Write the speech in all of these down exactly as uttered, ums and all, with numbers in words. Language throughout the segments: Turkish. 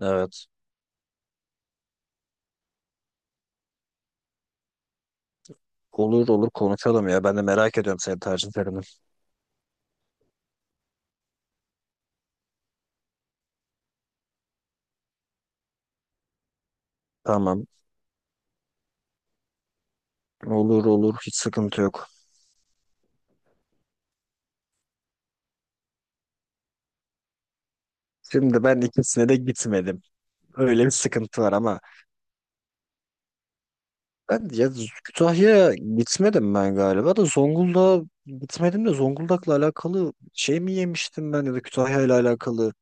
Evet. Olur olur konuşalım ya. Ben de merak ediyorum senin tercihlerini. Tamam. Olur olur. Hiç sıkıntı yok. Şimdi ben ikisine de gitmedim. Öyle bir sıkıntı var ama ben ya Kütahya'ya gitmedim ben galiba da Zonguldak'a gitmedim de Zonguldak'la alakalı şey mi yemiştim ben ya da Kütahya'yla alakalı.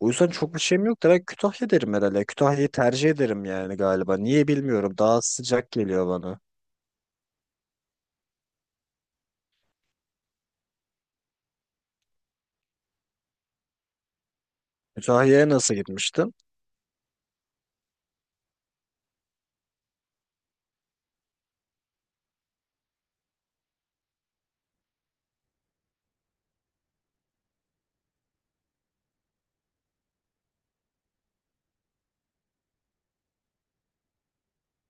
O yüzden çok bir şeyim yok da ben Kütahya derim herhalde. Kütahya'yı tercih ederim yani galiba. Niye bilmiyorum. Daha sıcak geliyor bana. Kütahya'ya nasıl gitmiştin?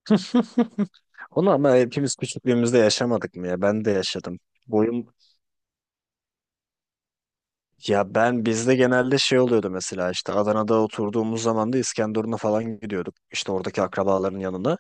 Onu ama hepimiz küçüklüğümüzde yaşamadık mı ya? Ben de yaşadım. Boyum ya ben bizde genelde şey oluyordu mesela işte Adana'da oturduğumuz zaman da İskenderun'a falan gidiyorduk. İşte oradaki akrabaların yanına.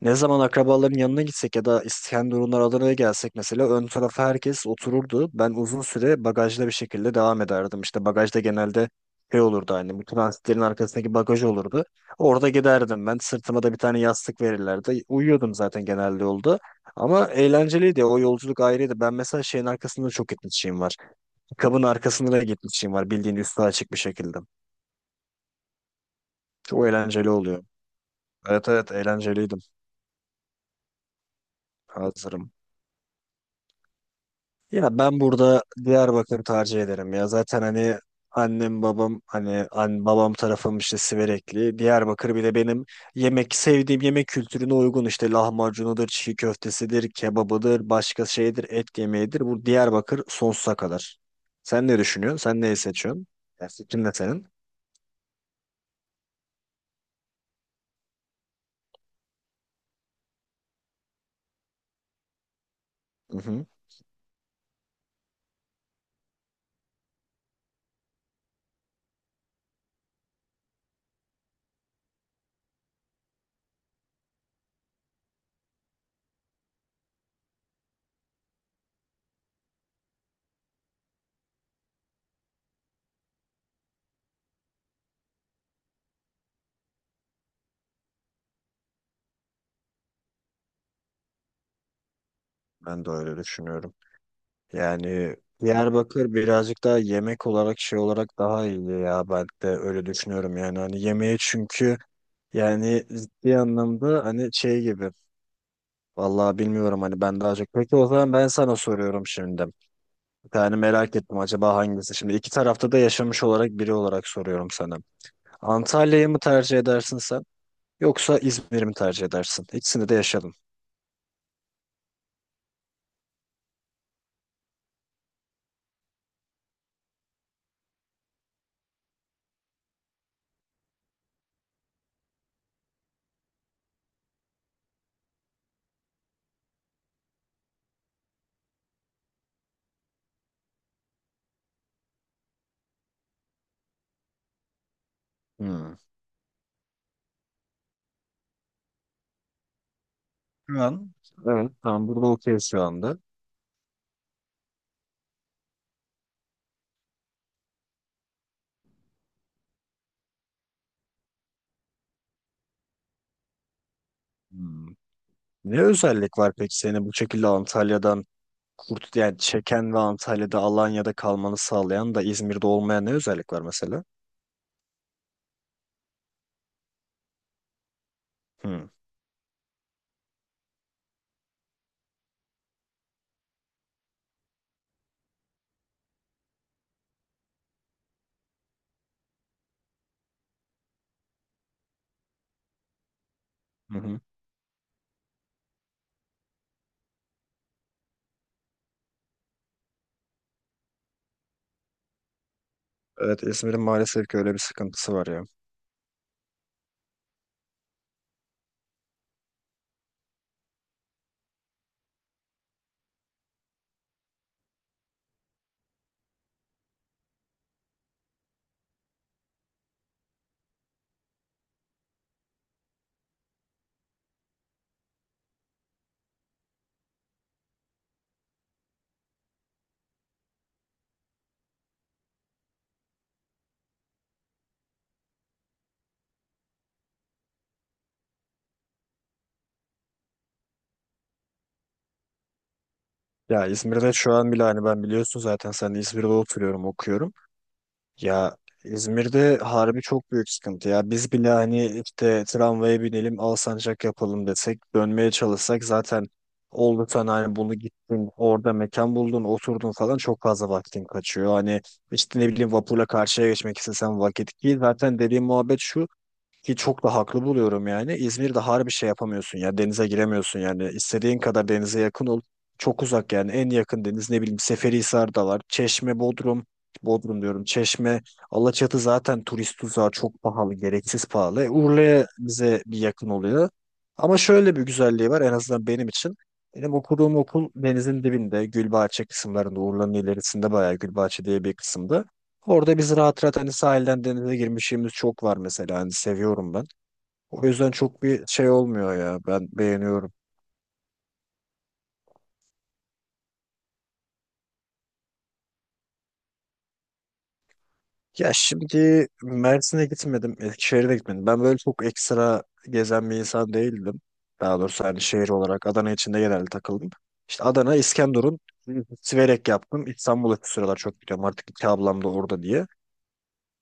Ne zaman akrabaların yanına gitsek ya da İskenderunlar Adana'ya gelsek mesela ön tarafa herkes otururdu. Ben uzun süre bagajda bir şekilde devam ederdim. İşte bagajda genelde şey olurdu hani bu transitlerin arkasındaki bagaj olurdu. Orada giderdim ben. Sırtıma da bir tane yastık verirlerdi. Uyuyordum zaten genelde yolda. Ama eğlenceliydi. O yolculuk ayrıydı. Ben mesela şeyin arkasında çok gitmişliğim var. Kabın arkasında da gitmişliğim var. Bildiğin üstü açık bir şekilde. Çok eğlenceli oluyor. Evet evet eğlenceliydim. Hazırım. Ya ben burada Diyarbakır tercih ederim ya. Zaten hani annem babam hani an, babam tarafım işte Siverekli. Diyarbakır bir de benim yemek sevdiğim yemek kültürüne uygun işte lahmacunudur, çiğ köftesidir, kebabıdır, başka şeydir, et yemeğidir. Bu Diyarbakır sonsuza kadar. Sen ne düşünüyorsun? Sen neyi seçiyorsun? Ya fikrin ne senin? Hı hı. Ben de öyle düşünüyorum. Yani Diyarbakır birazcık daha yemek olarak şey olarak daha iyi ya ben de öyle düşünüyorum yani hani yemeği çünkü yani ciddi anlamda hani şey gibi. Vallahi bilmiyorum hani ben daha çok. Peki o zaman ben sana soruyorum şimdi. Yani merak ettim acaba hangisi? Şimdi iki tarafta da yaşamış olarak biri olarak soruyorum sana. Antalya'yı mı tercih edersin sen? Yoksa İzmir'i mi tercih edersin? İkisini de yaşadım. Hmm. Şu an evet. Tam burada okey şu anda. Hmm. Ne özellik var peki seni bu şekilde Antalya'dan kurt yani çeken ve Antalya'da Alanya'da kalmanı sağlayan da İzmir'de olmayan ne özellik var mesela? Hmm. Hı hı. Evet, İzmir'in maalesef ki öyle bir sıkıntısı var ya. Ya İzmir'de şu an bile hani ben biliyorsun zaten sen de İzmir'de oturuyorum okuyorum. Ya İzmir'de harbi çok büyük sıkıntı ya. Biz bile hani işte tramvaya binelim Alsancak yapalım desek dönmeye çalışsak zaten oldu sen hani bunu gittin orada mekan buldun oturdun falan çok fazla vaktin kaçıyor. Hani işte ne bileyim vapurla karşıya geçmek istesen vakit ki zaten dediğim muhabbet şu ki çok da haklı buluyorum yani. İzmir'de harbi şey yapamıyorsun ya. Denize giremiyorsun yani. İstediğin kadar denize yakın ol. Çok uzak yani. En yakın deniz ne bileyim Seferihisar'da var. Çeşme, Bodrum. Bodrum diyorum. Çeşme, Alaçatı zaten turist tuzağı çok pahalı. Gereksiz pahalı. E, Urla'ya bize bir yakın oluyor. Ama şöyle bir güzelliği var en azından benim için. Benim okuduğum okul denizin dibinde Gülbahçe kısımlarında Urla'nın ilerisinde bayağı Gülbahçe diye bir kısımda. Orada biz rahat rahat hani sahilden denize girmişliğimiz çok var mesela hani seviyorum ben. O yüzden çok bir şey olmuyor ya ben beğeniyorum. Ya şimdi Mersin'e gitmedim, Eskişehir'e de gitmedim. Ben böyle çok ekstra gezen bir insan değildim. Daha doğrusu hani şehir olarak Adana içinde genelde takıldım. İşte Adana, İskenderun, Siverek yaptım. İstanbul'a şu sıralar çok gidiyorum artık iki ablam da orada diye.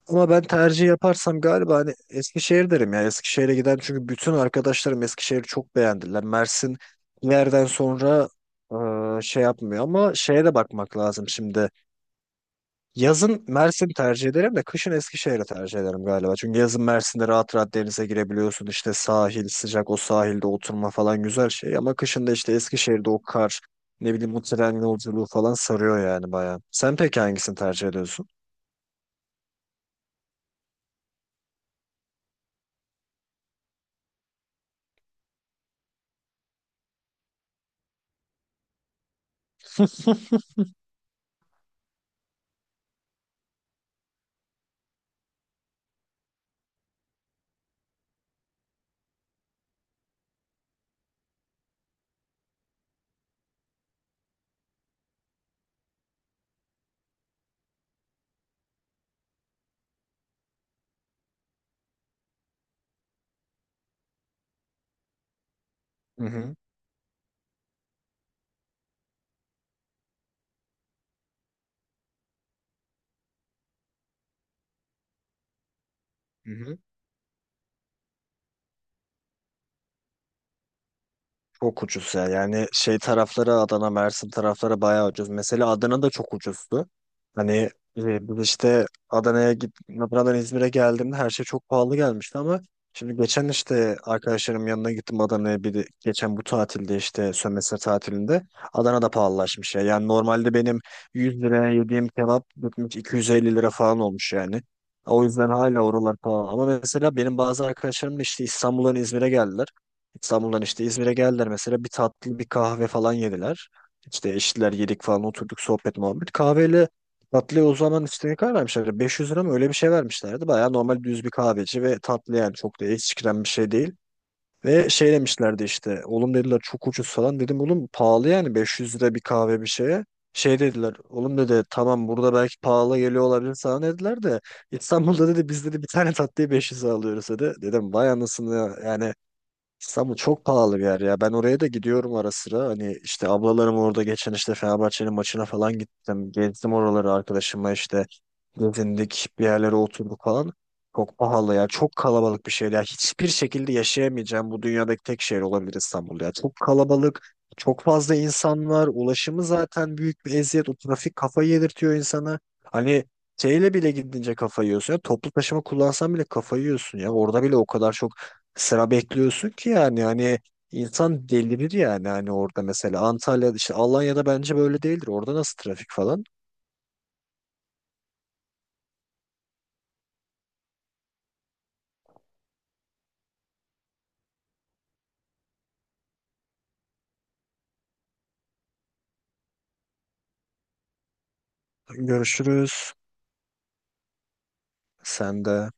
Ama ben tercih yaparsam galiba hani Eskişehir derim ya. Eskişehir'e giden çünkü bütün arkadaşlarım Eskişehir'i çok beğendiler. Mersin bir yerden sonra e, şey yapmıyor ama şeye de bakmak lazım şimdi. Yazın Mersin tercih ederim de kışın Eskişehir'i tercih ederim galiba. Çünkü yazın Mersin'de rahat rahat denize girebiliyorsun. İşte sahil sıcak o sahilde oturma falan güzel şey. Ama kışın da işte Eskişehir'de o kar ne bileyim o tren yolculuğu falan sarıyor yani bayağı. Sen peki hangisini tercih ediyorsun? Hı hı. Hı hı. Çok ucuz ya. Yani şey taraflara Adana, Mersin taraflara bayağı ucuz. Mesela Adana da çok ucuzdu. Hani e, biz işte Adana'ya git, Adana'dan İzmir'e geldiğimde her şey çok pahalı gelmişti ama şimdi geçen işte arkadaşlarım yanına gittim Adana'ya bir de- geçen bu tatilde işte sömestr tatilinde Adana'da pahalılaşmış ya. Yani normalde benim yüz liraya yediğim kebap gitmiş iki yüz elli lira falan olmuş yani. O yüzden hala oralar pahalı. Ama mesela benim bazı arkadaşlarım da işte İstanbul'dan İzmir'e geldiler. İstanbul'dan işte İzmir'e geldiler mesela bir tatlı bir kahve falan yediler. İşte eşitler yedik falan oturduk sohbet muhabbet. Kahveyle tatlıya o zaman işte ne kadar vermişlerdi? beş yüz lira mı öyle bir şey vermişlerdi. Baya normal düz bir kahveci ve tatlı yani çok da eksikten bir şey değil. Ve şey demişlerdi işte oğlum dediler çok ucuz falan dedim oğlum pahalı yani beş yüz lira bir kahve bir şeye. Şey dediler oğlum dedi tamam burada belki pahalı geliyor olabilir sana dediler de İstanbul'da dedi biz dedi bir tane tatlıyı beş yüze alıyoruz dedi. Dedim vay anasını ya. Yani İstanbul çok pahalı bir yer ya. Ben oraya da gidiyorum ara sıra. Hani işte ablalarım orada geçen işte Fenerbahçe'nin maçına falan gittim. Gezdim oraları arkadaşımla işte gezindik bir yerlere oturduk falan. Çok pahalı ya. Çok kalabalık bir şehir ya. Hiçbir şekilde yaşayamayacağım bu dünyadaki tek şehir olabilir İstanbul ya. Çok kalabalık. Çok fazla insan var. Ulaşımı zaten büyük bir eziyet. O trafik kafayı yedirtiyor insana. Hani şeyle bile gidince kafayı yiyorsun ya. Toplu taşıma kullansan bile kafayı yiyorsun ya. Orada bile o kadar çok sıra bekliyorsun ki yani hani insan delirir yani hani orada mesela Antalya'da işte Alanya'da bence böyle değildir. Orada nasıl trafik falan? Görüşürüz. Sen de.